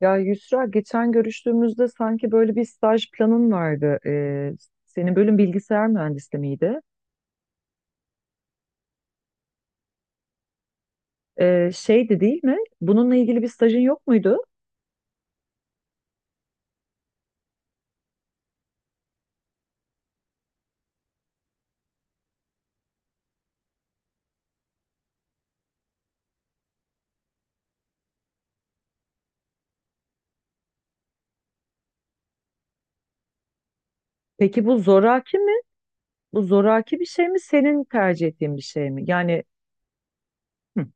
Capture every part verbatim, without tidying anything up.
Ya Yusra geçen görüştüğümüzde sanki böyle bir staj planın vardı. Ee, senin bölüm bilgisayar mühendisliği miydi? Ee, şeydi değil mi? Bununla ilgili bir stajın yok muydu? Peki bu zoraki mi? Bu zoraki bir şey mi? Senin tercih ettiğin bir şey mi? Yani hı,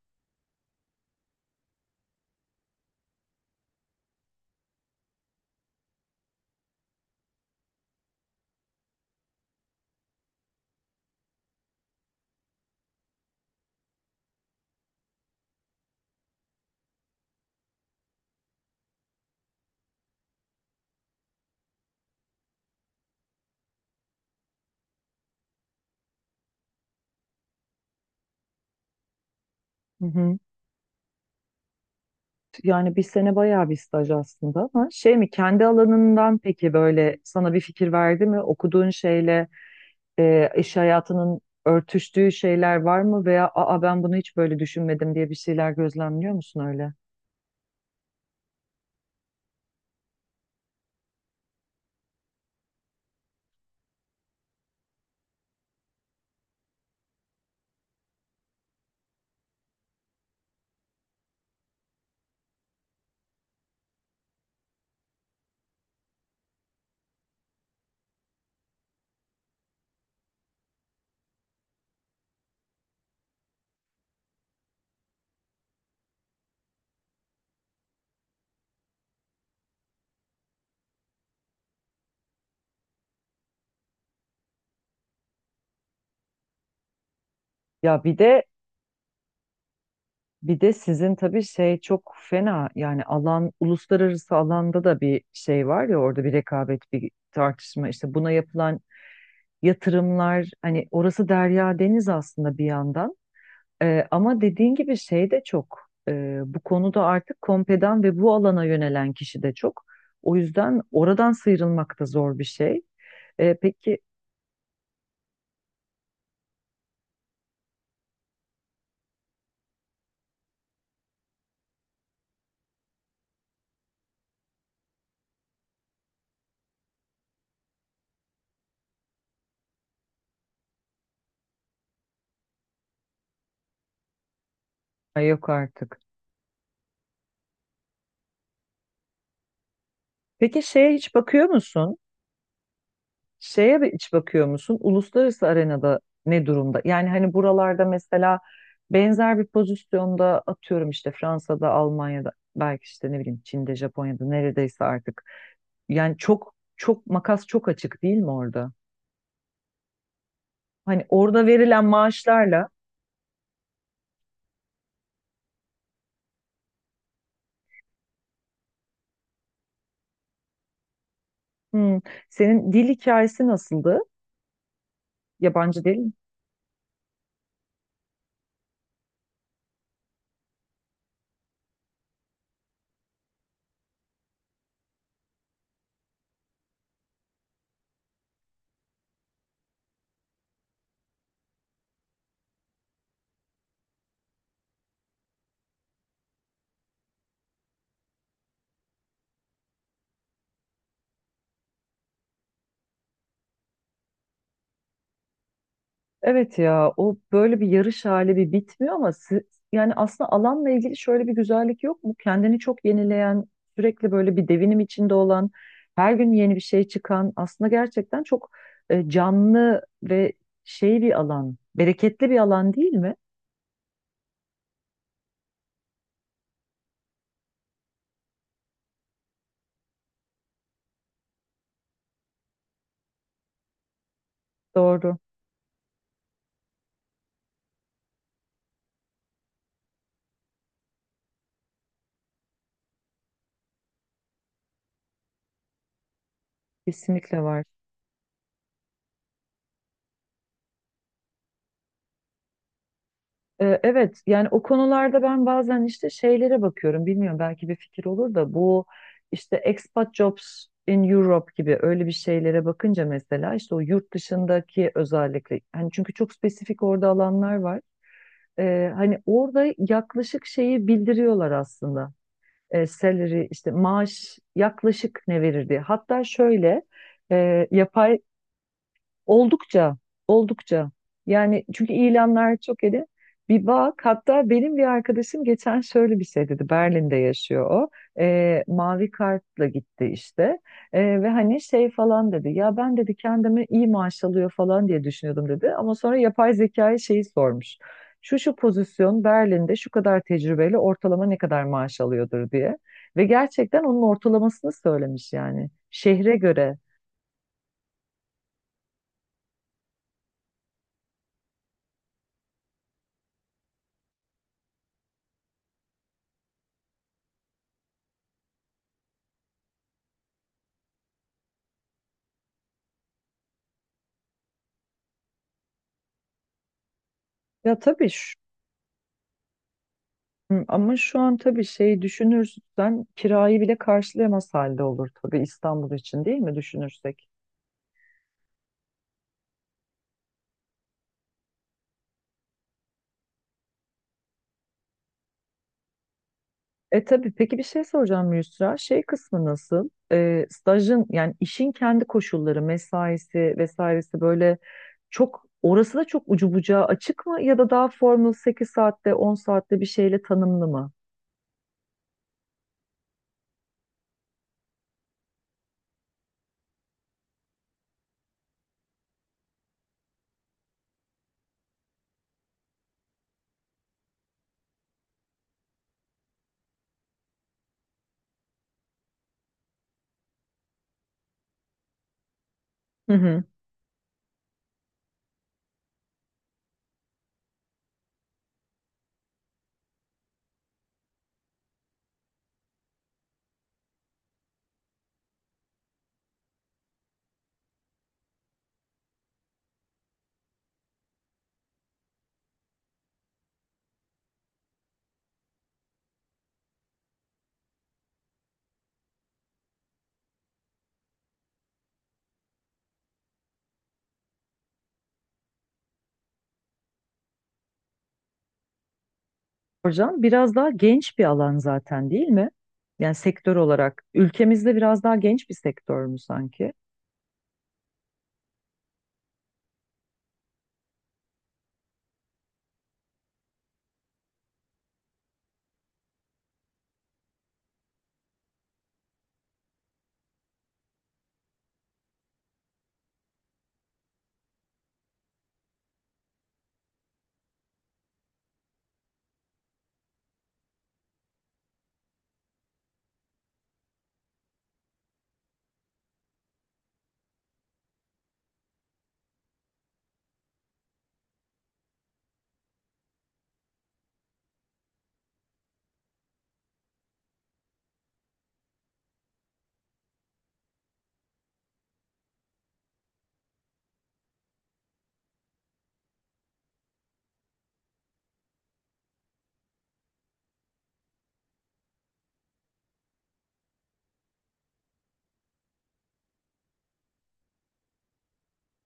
hı hı. Yani bir sene bayağı bir staj aslında ama şey mi? Kendi alanından peki böyle sana bir fikir verdi mi? Okuduğun şeyle e, iş hayatının örtüştüğü şeyler var mı? Veya aa, ben bunu hiç böyle düşünmedim diye bir şeyler gözlemliyor musun öyle? Ya bir de bir de sizin tabii şey çok fena, yani alan uluslararası alanda da bir şey var ya, orada bir rekabet, bir tartışma, işte buna yapılan yatırımlar, hani orası derya deniz aslında bir yandan. Ee, ama dediğin gibi şey de çok, Ee, bu konuda artık kompedan ve bu alana yönelen kişi de çok, o yüzden oradan sıyrılmak da zor bir şey. Ee, peki, ay yok artık, peki şeye hiç bakıyor musun? Şeye bir iç bakıyor musun? Uluslararası arenada ne durumda? Yani hani buralarda mesela benzer bir pozisyonda atıyorum işte Fransa'da, Almanya'da, belki işte ne bileyim Çin'de, Japonya'da neredeyse artık. Yani çok çok makas çok açık değil mi orada? Hani orada verilen maaşlarla hmm, senin dil hikayesi nasıldı? Yabancı değil. Evet ya, o böyle bir yarış hali bir bitmiyor ama si- yani aslında alanla ilgili şöyle bir güzellik yok mu? Kendini çok yenileyen, sürekli böyle bir devinim içinde olan, her gün yeni bir şey çıkan aslında gerçekten çok e, canlı ve şey bir alan, bereketli bir alan değil mi? Doğru, kesinlikle var. Ee, Evet, yani o konularda ben bazen işte şeylere bakıyorum, bilmiyorum belki bir fikir olur da bu, işte expat jobs in Europe gibi öyle bir şeylere bakınca mesela işte o yurt dışındaki, özellikle hani çünkü çok spesifik orada alanlar var. Ee, hani orada yaklaşık şeyi bildiriyorlar aslında. Ee, salary, işte maaş yaklaşık ne verir diye, hatta şöyle e, yapay. Oldukça, oldukça. Yani çünkü ilanlar çok eli. Bir bak, hatta benim bir arkadaşım geçen şöyle bir şey dedi. Berlin'de yaşıyor o. Ee, mavi kartla gitti işte. Ee, ve hani şey falan dedi. Ya ben dedi kendimi iyi maaş alıyor falan diye düşünüyordum dedi. Ama sonra yapay zekaya şeyi sormuş. Şu şu pozisyon Berlin'de şu kadar tecrübeyle ortalama ne kadar maaş alıyordur diye. Ve gerçekten onun ortalamasını söylemiş yani. Şehre göre. Ya tabii. Hı, ama şu an tabii şey düşünürsen kirayı bile karşılayamaz halde olur tabii, İstanbul için değil mi düşünürsek? E tabii, peki bir şey soracağım Yusra. Şey kısmı nasıl? E, stajın yani işin kendi koşulları, mesaisi vesairesi böyle çok, orası da çok ucu bucağı açık mı ya da daha formal sekiz saatte on saatte bir şeyle tanımlı mı? Hı hı. Hocam biraz daha genç bir alan zaten değil mi? Yani sektör olarak ülkemizde biraz daha genç bir sektör mü sanki?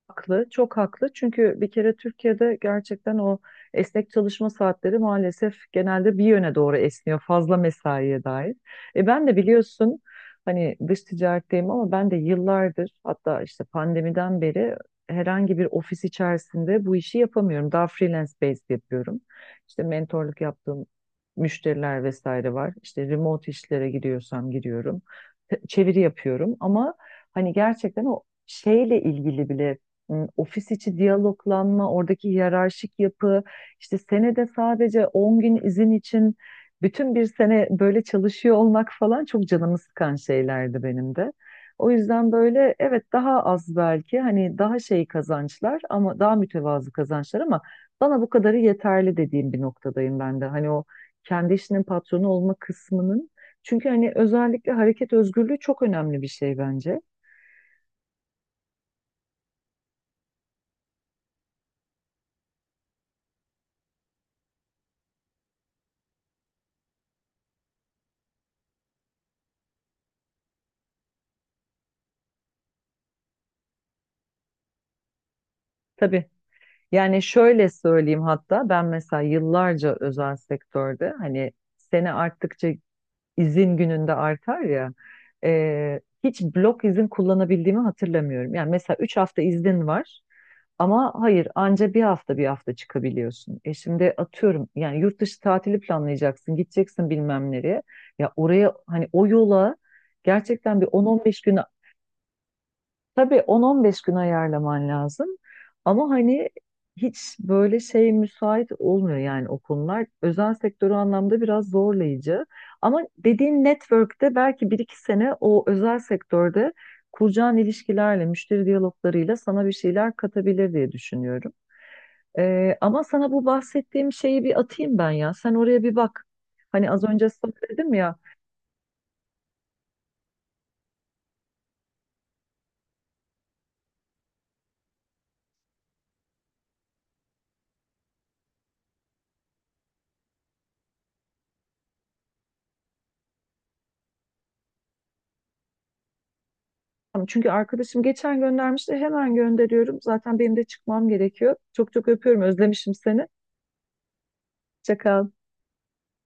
Haklı, çok haklı. Çünkü bir kere Türkiye'de gerçekten o esnek çalışma saatleri maalesef genelde bir yöne doğru esniyor, fazla mesaiye dair. E ben de biliyorsun hani dış ticaretteyim, ama ben de yıllardır, hatta işte pandemiden beri herhangi bir ofis içerisinde bu işi yapamıyorum. Daha freelance based yapıyorum. İşte mentorluk yaptığım müşteriler vesaire var. İşte remote işlere gidiyorsam giriyorum. Çeviri yapıyorum ama hani gerçekten o şeyle ilgili bile m, ofis içi diyaloglanma, oradaki hiyerarşik yapı, işte senede sadece on gün izin için bütün bir sene böyle çalışıyor olmak falan çok canımı sıkan şeylerdi benim de. O yüzden böyle evet, daha az belki hani daha şey kazançlar ama daha mütevazı kazançlar ama bana bu kadarı yeterli dediğim bir noktadayım ben de. Hani o kendi işinin patronu olma kısmının, çünkü hani özellikle hareket özgürlüğü çok önemli bir şey bence. Tabii. Yani şöyle söyleyeyim, hatta ben mesela yıllarca özel sektörde hani sene arttıkça izin gününde artar ya, e, hiç blok izin kullanabildiğimi hatırlamıyorum. Yani mesela üç hafta iznin var. Ama hayır, anca bir hafta bir hafta çıkabiliyorsun. E şimdi atıyorum yani yurt dışı tatili planlayacaksın, gideceksin bilmem nereye. Ya oraya hani o yola gerçekten bir on on beş gün, tabii on on beş gün ayarlaman lazım. Ama hani hiç böyle şey müsait olmuyor yani o konular. Özel sektörü anlamda biraz zorlayıcı. Ama dediğin network'te belki bir iki sene o özel sektörde kuracağın ilişkilerle, müşteri diyaloglarıyla sana bir şeyler katabilir diye düşünüyorum. Ee, ama sana bu bahsettiğim şeyi bir atayım ben ya. Sen oraya bir bak. Hani az önce sana dedim ya. Tamam, çünkü arkadaşım geçen göndermişti. Hemen gönderiyorum. Zaten benim de çıkmam gerekiyor. Çok çok öpüyorum. Özlemişim seni. Hoşça kal.